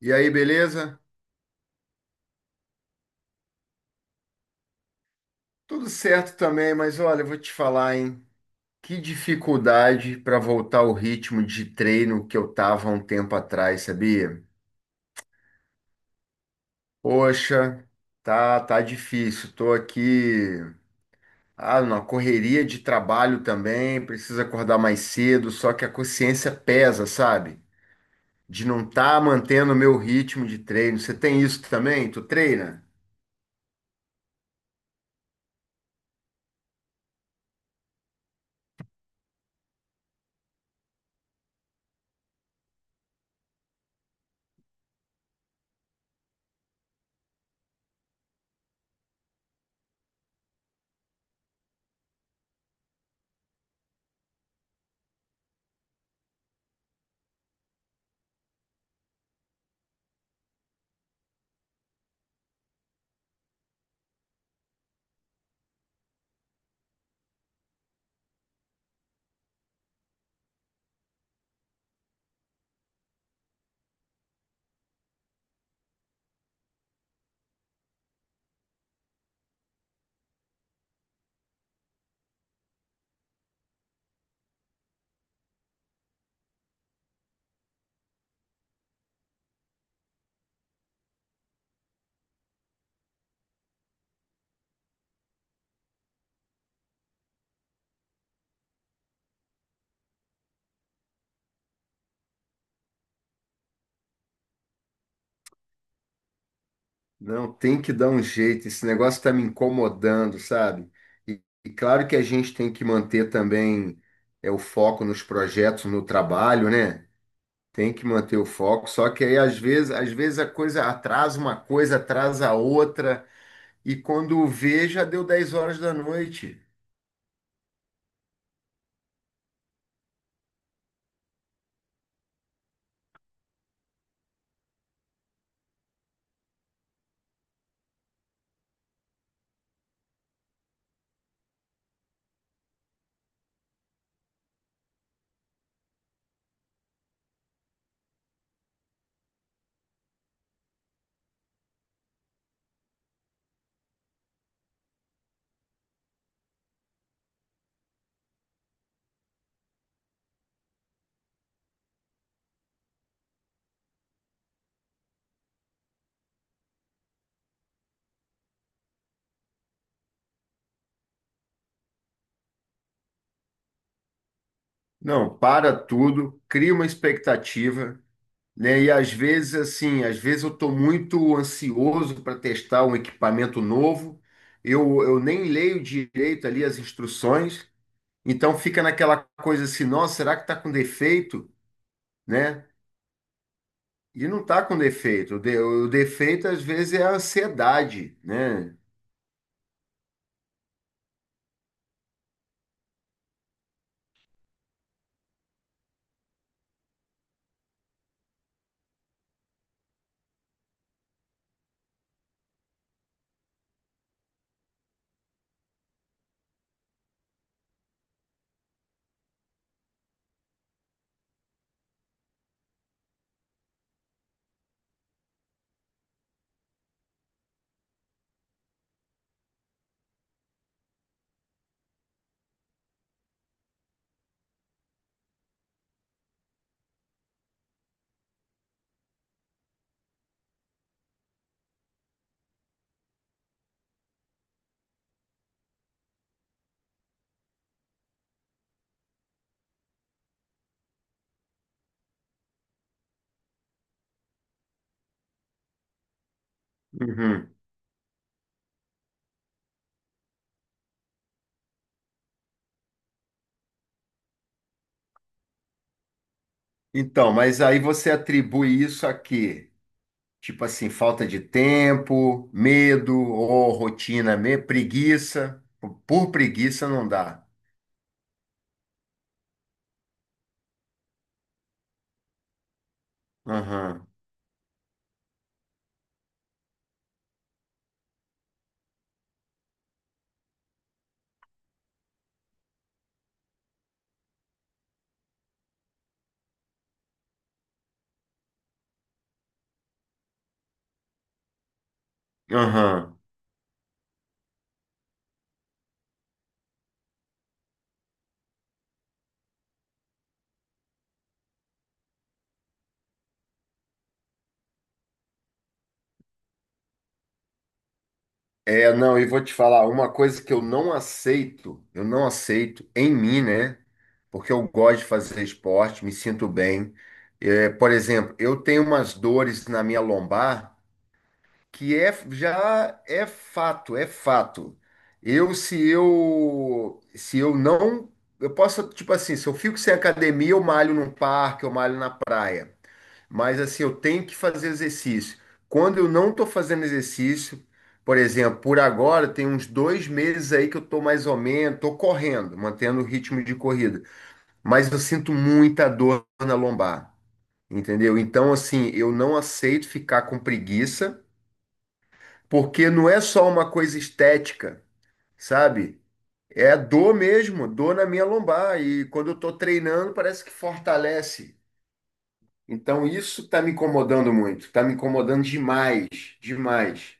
E aí, beleza? Tudo certo também, mas olha, eu vou te falar, hein? Que dificuldade para voltar ao ritmo de treino que eu tava há um tempo atrás, sabia? Poxa, tá difícil. Tô aqui, numa correria de trabalho também, preciso acordar mais cedo, só que a consciência pesa, sabe? De não estar tá mantendo o meu ritmo de treino. Você tem isso também? Tu treina? Não, tem que dar um jeito. Esse negócio está me incomodando, sabe? E claro que a gente tem que manter também o foco nos projetos, no trabalho, né? Tem que manter o foco. Só que aí, às vezes a coisa atrasa uma coisa, atrasa a outra. E quando vê, já deu 10 horas da noite. Não, para tudo, cria uma expectativa, né? E às vezes, assim, às vezes eu estou muito ansioso para testar um equipamento novo, eu nem leio direito ali as instruções, então fica naquela coisa assim, nossa, será que está com defeito, né? E não está com defeito, o defeito às vezes é a ansiedade, né? Uhum. Então, mas aí você atribui isso a quê? Tipo assim, falta de tempo, medo ou rotina, preguiça. Por preguiça não dá. Aham. É, não, e vou te falar, uma coisa que eu não aceito em mim, né? Porque eu gosto de fazer esporte, me sinto bem. É, por exemplo, eu tenho umas dores na minha lombar que é, já é fato, é fato. Eu, se eu, se eu não, eu posso, tipo assim, se eu fico sem academia, eu malho num parque, eu malho na praia. Mas assim, eu tenho que fazer exercício. Quando eu não estou fazendo exercício, por exemplo, por agora tem uns 2 meses aí que eu estou mais ou menos, estou correndo, mantendo o ritmo de corrida, mas eu sinto muita dor na lombar, entendeu? Então, assim, eu não aceito ficar com preguiça, porque não é só uma coisa estética, sabe? É dor mesmo, dor na minha lombar. E quando eu estou treinando, parece que fortalece. Então isso está me incomodando muito, está me incomodando demais, demais.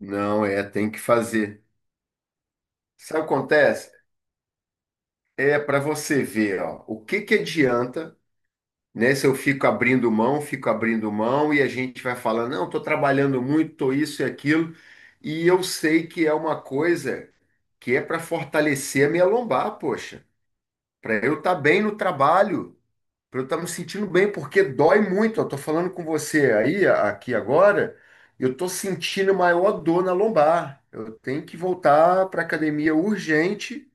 Não é, tem que fazer. Sabe o que acontece? É para você ver, ó, o que que adianta, né? Se eu fico abrindo mão e a gente vai falando, não, estou trabalhando muito, estou isso e aquilo, e eu sei que é uma coisa que é para fortalecer a minha lombar, poxa, para eu estar bem no trabalho. Pra eu estar me sentindo bem, porque dói muito. Eu tô falando com você aí, aqui agora, eu tô sentindo maior dor na lombar. Eu tenho que voltar para academia urgente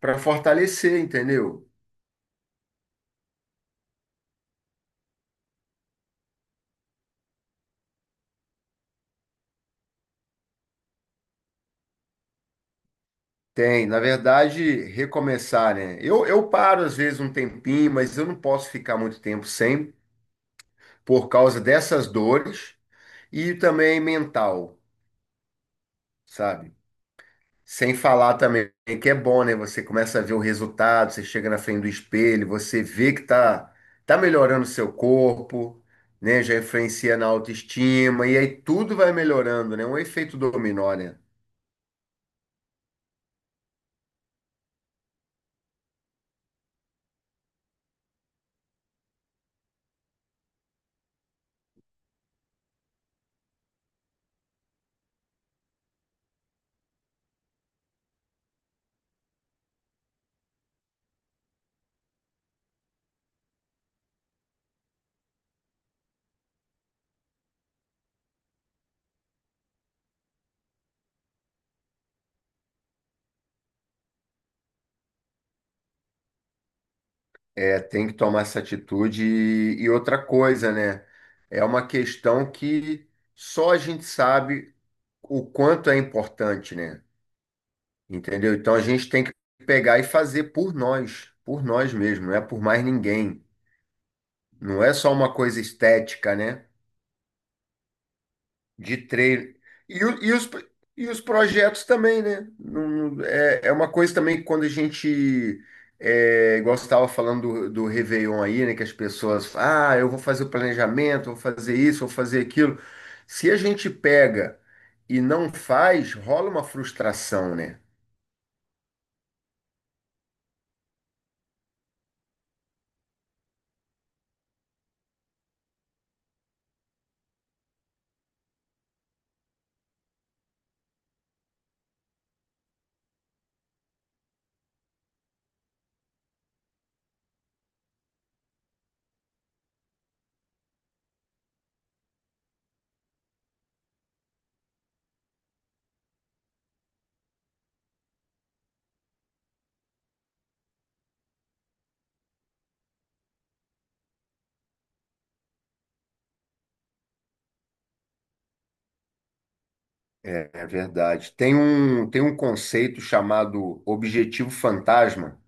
para fortalecer, entendeu? Tem, na verdade, recomeçar, né? Eu paro às vezes um tempinho, mas eu não posso ficar muito tempo sem, por causa dessas dores e também mental, sabe? Sem falar também que é bom, né? Você começa a ver o resultado, você chega na frente do espelho, você vê que tá melhorando o seu corpo, né? Já influencia na autoestima, e aí tudo vai melhorando, né? Um efeito dominó, né? É, tem que tomar essa atitude. E outra coisa, né? É uma questão que só a gente sabe o quanto é importante, né? Entendeu? Então a gente tem que pegar e fazer por nós mesmos, não é por mais ninguém. Não é só uma coisa estética, né? De treino. E, o- e os, e os projetos também, né? É, é uma coisa também que quando a gente. É, igual você estava falando do Réveillon aí, né? Que as pessoas. Ah, eu vou fazer o planejamento, vou fazer isso, vou fazer aquilo. Se a gente pega e não faz, rola uma frustração, né? É, é verdade. Tem um conceito chamado objetivo fantasma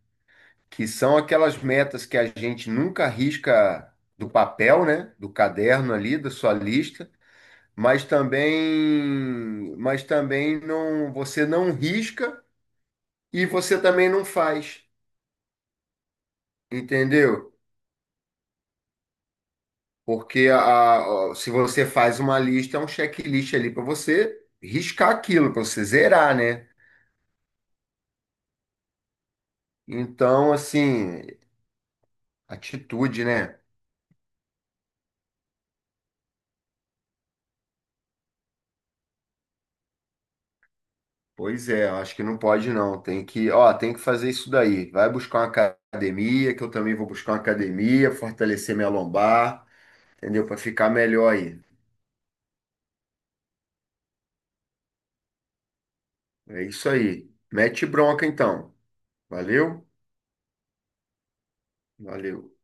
que são aquelas metas que a gente nunca risca do papel, né? Do caderno ali, da sua lista, mas também não, você não risca e você também não faz, entendeu? Porque se você faz uma lista, é um checklist ali para você riscar aquilo, para você zerar, né? Então, assim, atitude, né? Pois é, eu acho que não pode não. Tem que, ó, tem que fazer isso daí. Vai buscar uma academia, que eu também vou buscar uma academia, fortalecer minha lombar, entendeu? Para ficar melhor aí. É isso aí. Mete bronca então. Valeu? Valeu. Tchau.